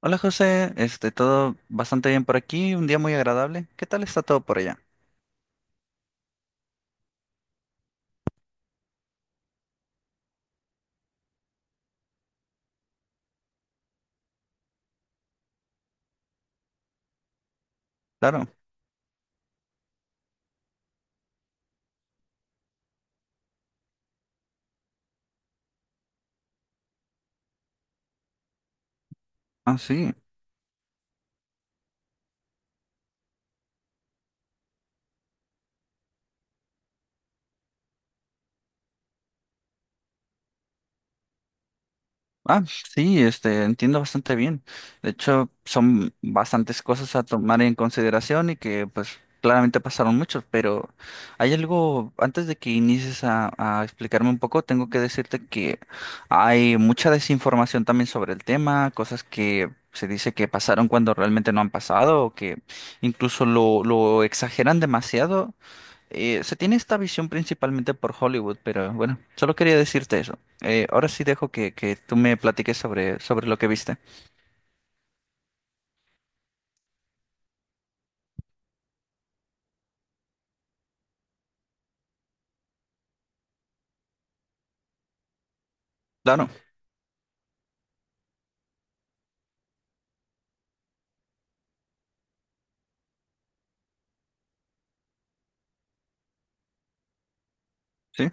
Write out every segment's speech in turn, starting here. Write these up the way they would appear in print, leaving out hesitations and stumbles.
Hola José, todo bastante bien por aquí, un día muy agradable. ¿Qué tal está todo por allá? Claro. Ah, sí. Ah, sí, entiendo bastante bien. De hecho, son bastantes cosas a tomar en consideración y que, pues, claramente pasaron muchos, pero hay algo, antes de que inicies a explicarme un poco, tengo que decirte que hay mucha desinformación también sobre el tema, cosas que se dice que pasaron cuando realmente no han pasado o que incluso lo exageran demasiado. Se tiene esta visión principalmente por Hollywood, pero bueno, solo quería decirte eso. Ahora sí dejo que tú me platiques sobre lo que viste. Claro, sí,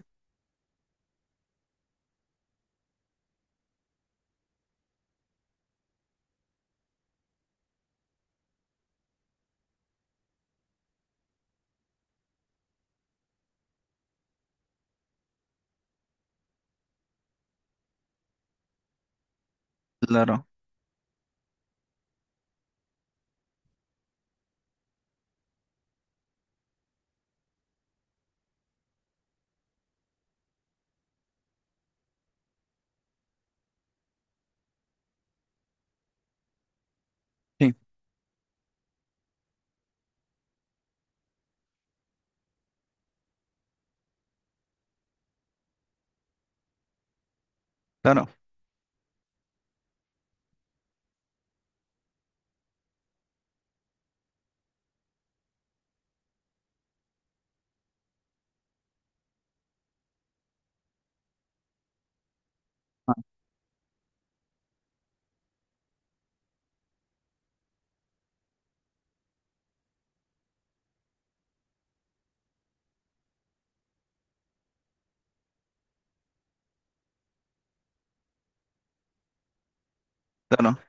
claro, sí, claro, claro.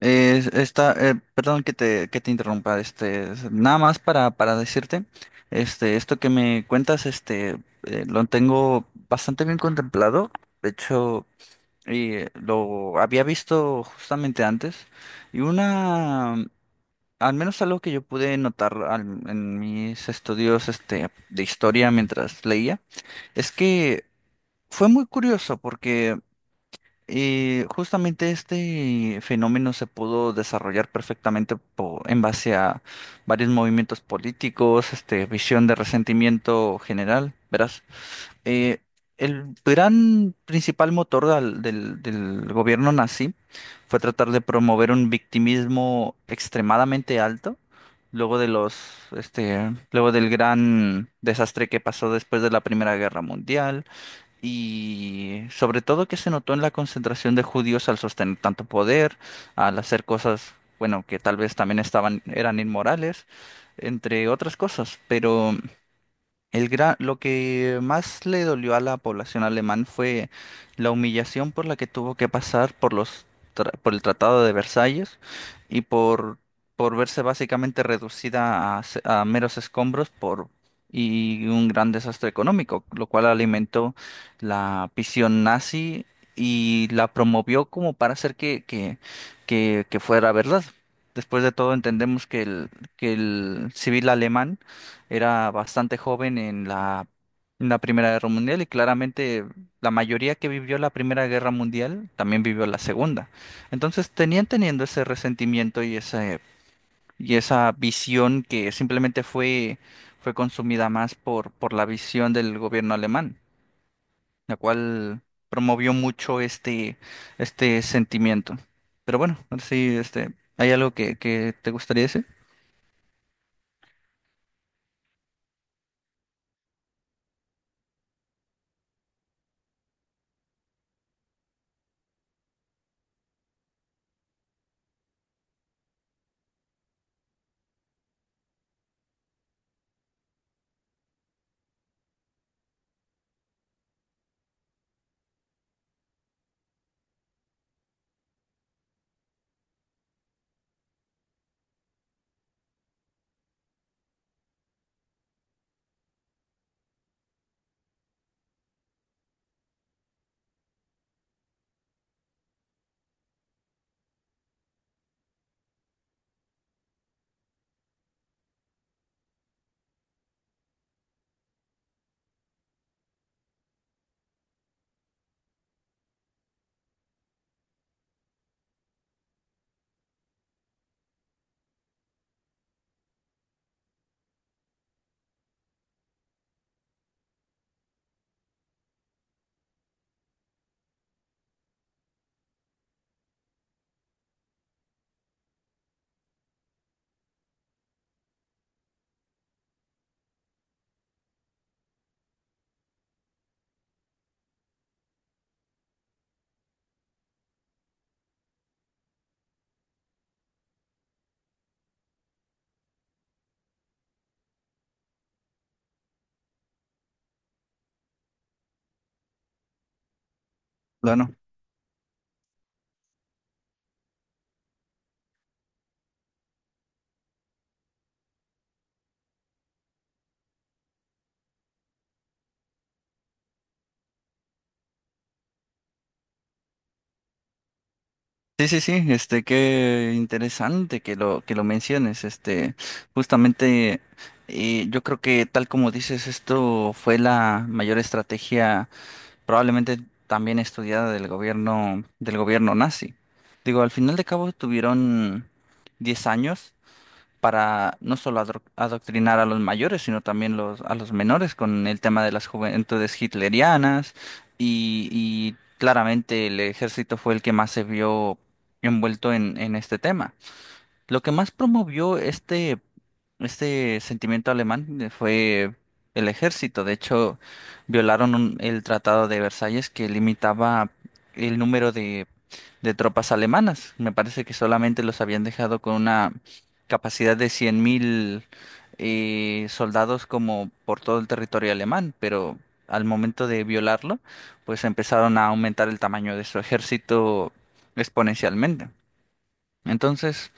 Perdón que te interrumpa, nada más para decirte, este, esto que me cuentas, lo tengo bastante bien contemplado. De hecho, lo había visto justamente antes. Y una. Al menos algo que yo pude en mis estudios de historia mientras leía, es que fue muy curioso porque, justamente este fenómeno se pudo desarrollar perfectamente en base a varios movimientos políticos, visión de resentimiento general, ¿verdad? Eh, el gran principal motor del gobierno nazi fue tratar de promover un victimismo extremadamente alto luego de luego del gran desastre que pasó después de la Primera Guerra Mundial, y sobre todo que se notó en la concentración de judíos al sostener tanto poder, al hacer cosas, bueno, que tal vez también estaban, eran inmorales, entre otras cosas, pero lo que más le dolió a la población alemán fue la humillación por la que tuvo que pasar por por el Tratado de Versalles y por verse básicamente reducida a meros escombros por y un gran desastre económico, lo cual alimentó la visión nazi y la promovió como para hacer que fuera verdad. Después de todo entendemos que el civil alemán era bastante joven en la Primera Guerra Mundial y claramente la mayoría que vivió la Primera Guerra Mundial también vivió la Segunda. Entonces tenían teniendo ese resentimiento y y esa visión que simplemente fue consumida más por la visión del gobierno alemán, la cual promovió mucho este sentimiento. Pero bueno, ahora sí, ¿hay algo que te gustaría decir? Bueno. Sí, sí, sí, qué interesante que lo menciones, justamente, yo creo que tal como dices, esto fue la mayor estrategia probablemente también estudiada del gobierno nazi. Digo, al final de cabo tuvieron 10 años para no solo adoctrinar a los mayores, sino también a los menores con el tema de las juventudes hitlerianas y claramente el ejército fue el que más se vio envuelto en este tema. Lo que más promovió este sentimiento alemán, fue el ejército. De hecho, violaron el Tratado de Versalles que limitaba el número de tropas alemanas. Me parece que solamente los habían dejado con una capacidad de 100.000 soldados como por todo el territorio alemán, pero al momento de violarlo, pues empezaron a aumentar el tamaño de su ejército exponencialmente. Entonces,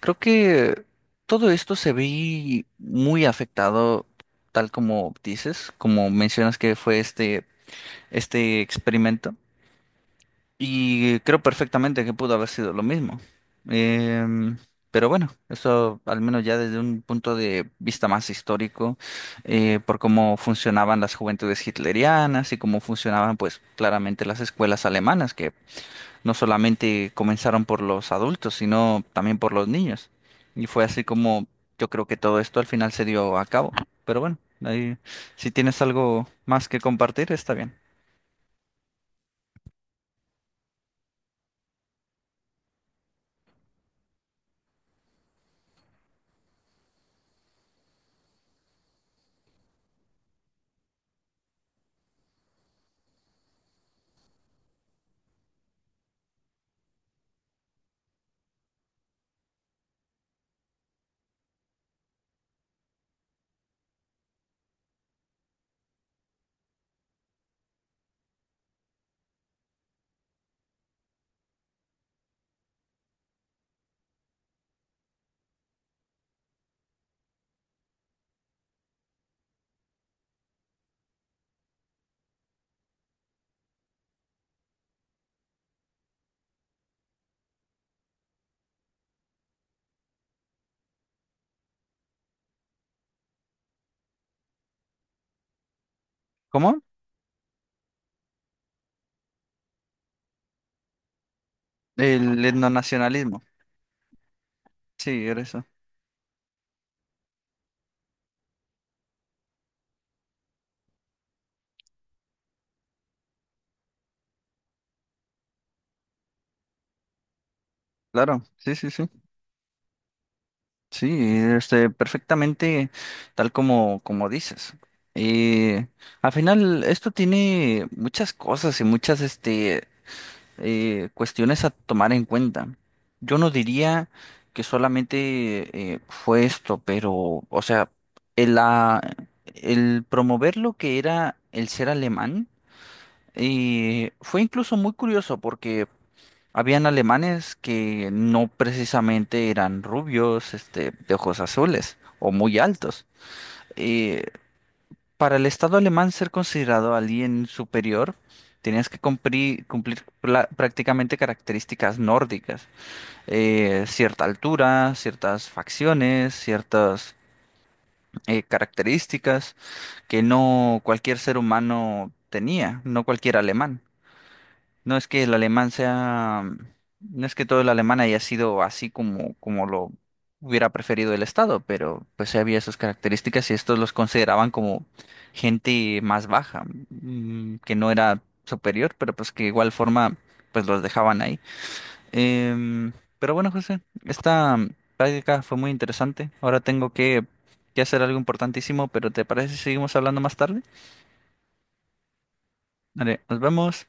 creo que todo esto se ve muy afectado, tal como dices, como mencionas que fue este experimento, y creo perfectamente que pudo haber sido lo mismo. Em, pero bueno, eso al menos ya desde un punto de vista más histórico, por cómo funcionaban las juventudes hitlerianas y cómo funcionaban, pues, claramente las escuelas alemanas, que no solamente comenzaron por los adultos, sino también por los niños. Y fue así como yo creo que todo esto al final se dio a cabo. Pero bueno, ahí, si tienes algo más que compartir, está bien. ¿Cómo? El etnonacionalismo. Sí, era eso. Claro, sí, sí, sí. Sí, perfectamente tal como dices. Y al final esto tiene muchas cosas y muchas, cuestiones a tomar en cuenta. Yo no diría que solamente fue esto, pero, o sea, el, ah, el promover lo que era el ser alemán, fue incluso muy curioso porque habían alemanes que no precisamente eran rubios, de ojos azules o muy altos. Eh, para el Estado alemán ser considerado alguien superior, tenías que prácticamente características nórdicas. Cierta altura, ciertas facciones, ciertas características que no cualquier ser humano tenía, no cualquier alemán. No es que el alemán sea, no es que todo el alemán haya sido así como, como lo hubiera preferido el Estado, pero pues sí había sus características y estos los consideraban como gente más baja, mm, que no era superior, pero pues que de igual forma pues los dejaban ahí. Em, pero bueno, José, esta práctica fue muy interesante. Ahora tengo que hacer algo importantísimo, pero ¿te parece si seguimos hablando más tarde? Vale, nos vemos.